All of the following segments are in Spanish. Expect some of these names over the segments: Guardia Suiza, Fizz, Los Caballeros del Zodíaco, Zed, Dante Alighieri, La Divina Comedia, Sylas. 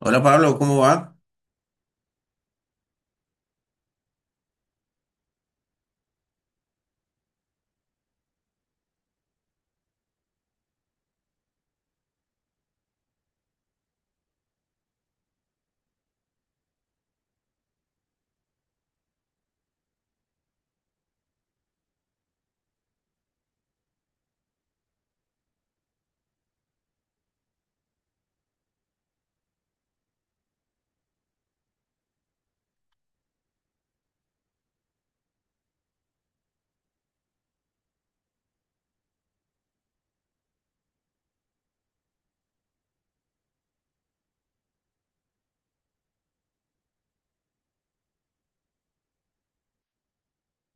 Hola Pablo, ¿cómo va?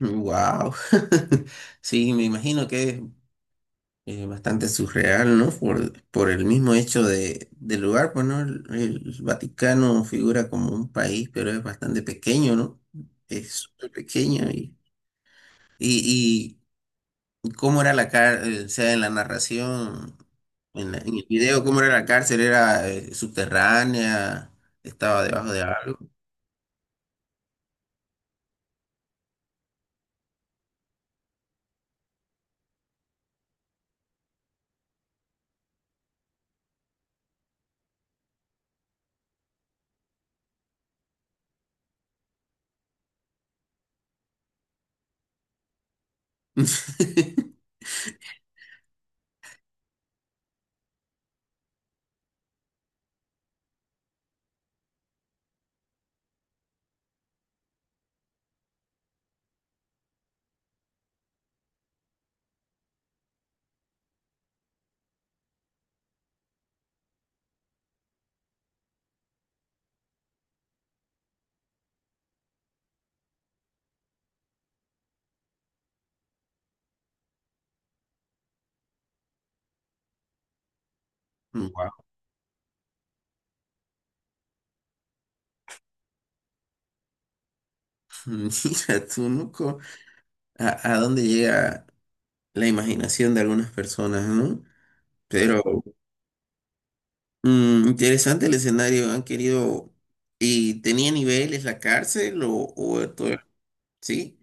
Wow. Sí, me imagino que es bastante surreal, ¿no? Por el mismo hecho del lugar, pues, ¿no? El Vaticano figura como un país, pero es bastante pequeño, ¿no? Es súper pequeño y, y ¿cómo era la cárcel? O sea, en la narración, en el video, ¿cómo era la cárcel? ¿Era subterránea? ¿Estaba debajo de algo? Wow. Mira tú, ¿no? A dónde llega la imaginación de algunas personas, ¿no? Sí. Pero interesante el escenario, han querido... ¿Y tenía niveles la cárcel o todo? Sí.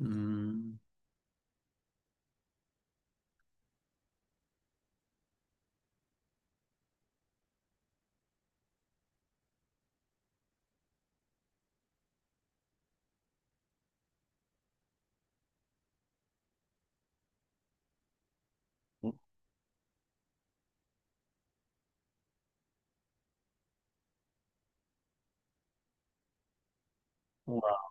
Mm. Guau.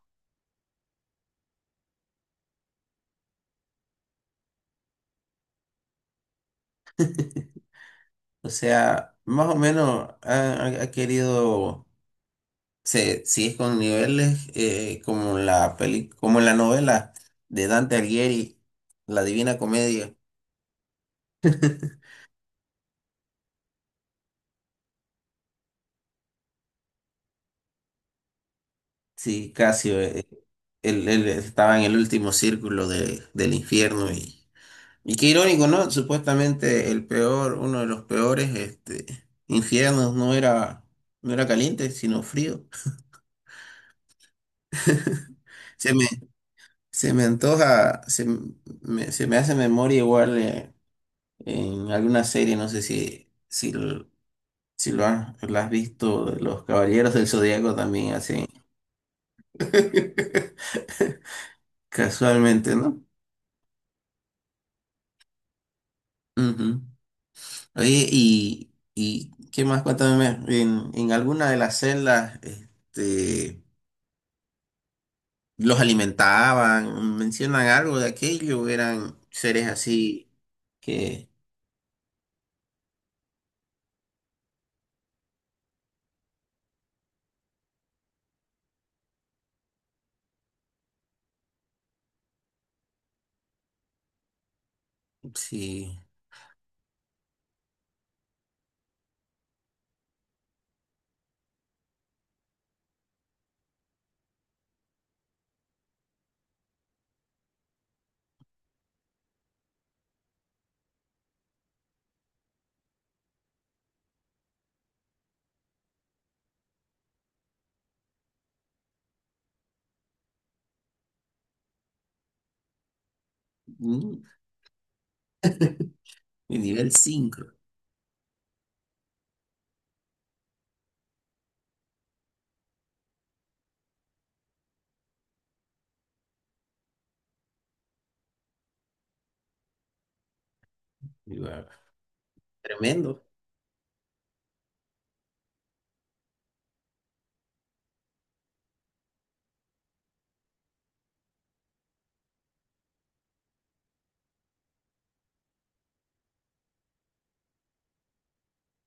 O sea, más o menos ha querido... si es con niveles como la peli, como en la novela de Dante Alighieri, La Divina Comedia. Sí, Casio, él estaba en el último círculo del infierno y qué irónico, ¿no? Supuestamente el peor, uno de los peores este, infiernos no era, no era caliente, sino frío. Se me, se me antoja, se me hace memoria igual en alguna serie, no sé lo- si lo has, lo has visto, Los Caballeros del Zodíaco también hacen casualmente, ¿no? Ujú. Oye, y qué más, cuéntame, en alguna de las celdas, este, los alimentaban, mencionan algo de aquello, eran seres así que, sí, mm, nivel 5 tremendo.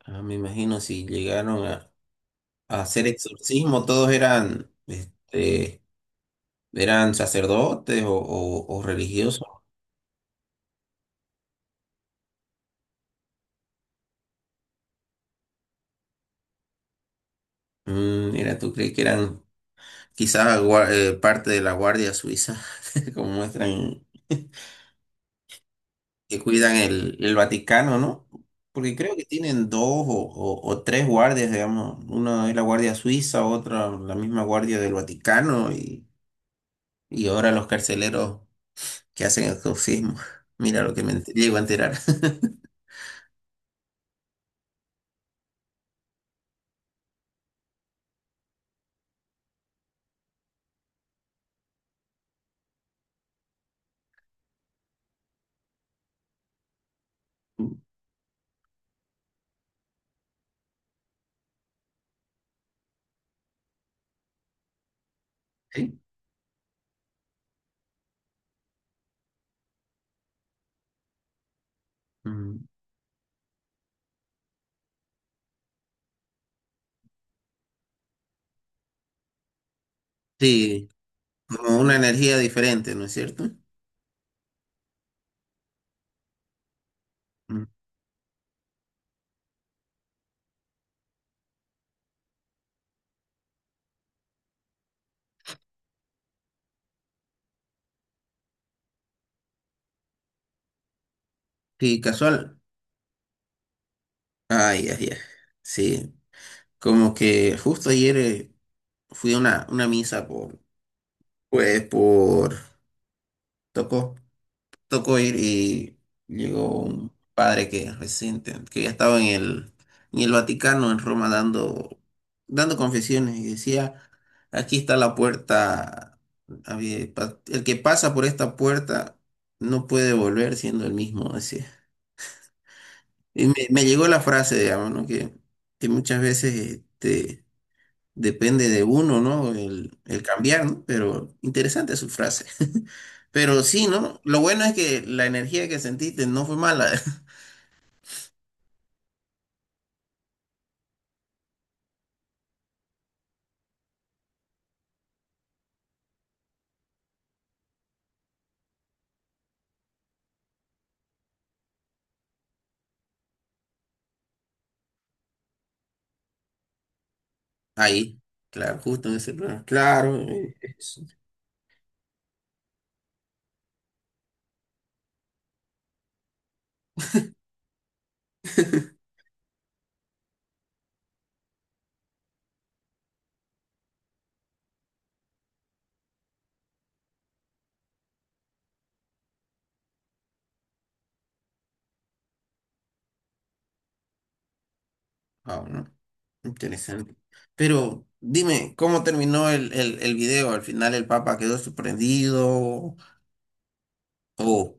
Ah, me imagino si llegaron a hacer exorcismo, todos eran, este, eran sacerdotes o, o religiosos. Mm, mira, ¿tú crees que eran quizás parte de la Guardia Suiza, como muestran, que cuidan el Vaticano, ¿no? Porque creo que tienen dos o, o tres guardias, digamos. Una es la Guardia Suiza, otra la misma Guardia del Vaticano y ahora los carceleros que hacen exorcismo. Mira lo que me llego a enterar. Sí. Mm. Sí, como una energía diferente, ¿no es cierto? Mm. Sí, casual. Ay, ay, ay. Sí, como que justo ayer... fui a una misa por, pues, por, tocó, tocó ir y llegó un padre que reciente que ya estaba en el Vaticano, en Roma, dando, dando confesiones y decía, aquí está la puerta, el que pasa por esta puerta no puede volver siendo el mismo, decía. Y me llegó la frase, digamos, ¿no? Que muchas veces, este, depende de uno, ¿no? El cambiar, ¿no? Pero interesante su frase. Pero sí, ¿no? Lo bueno es que la energía que sentiste no fue mala. Ahí, claro, justo en ese lugar. Claro, eso. Wow, ¿no? Interesante. Pero dime, ¿cómo terminó el video? ¿Al final el Papa quedó sorprendido? Oh,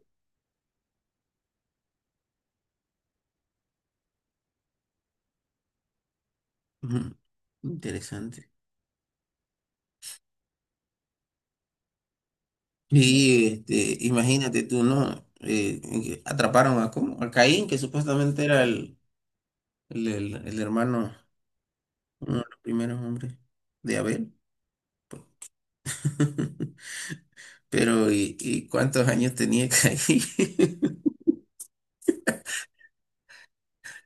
ujú, interesante. Y este, imagínate tú, ¿no? En que atraparon a, ¿cómo? A Caín, que supuestamente era el, el hermano, uno de los primeros hombres de Abel. Pero, y cuántos años tenía Caín?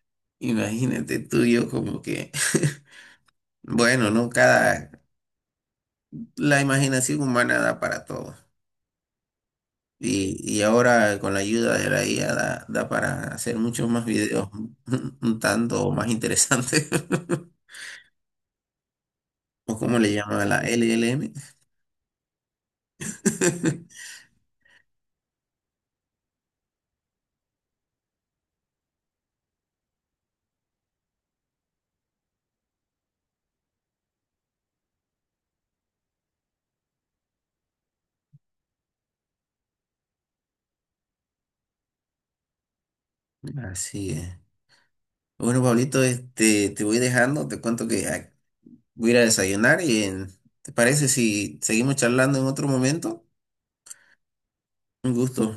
Imagínate tú y yo como que, bueno, ¿no? Cada, la imaginación humana da para todo. Y ahora con la ayuda de la IA da, da para hacer muchos más videos, un tanto más interesantes. ¿O cómo le llaman, la LLM? Así es. Bueno, Pablito, este, te voy dejando, te cuento que voy a ir a desayunar y ¿te parece si seguimos charlando en otro momento? Un gusto.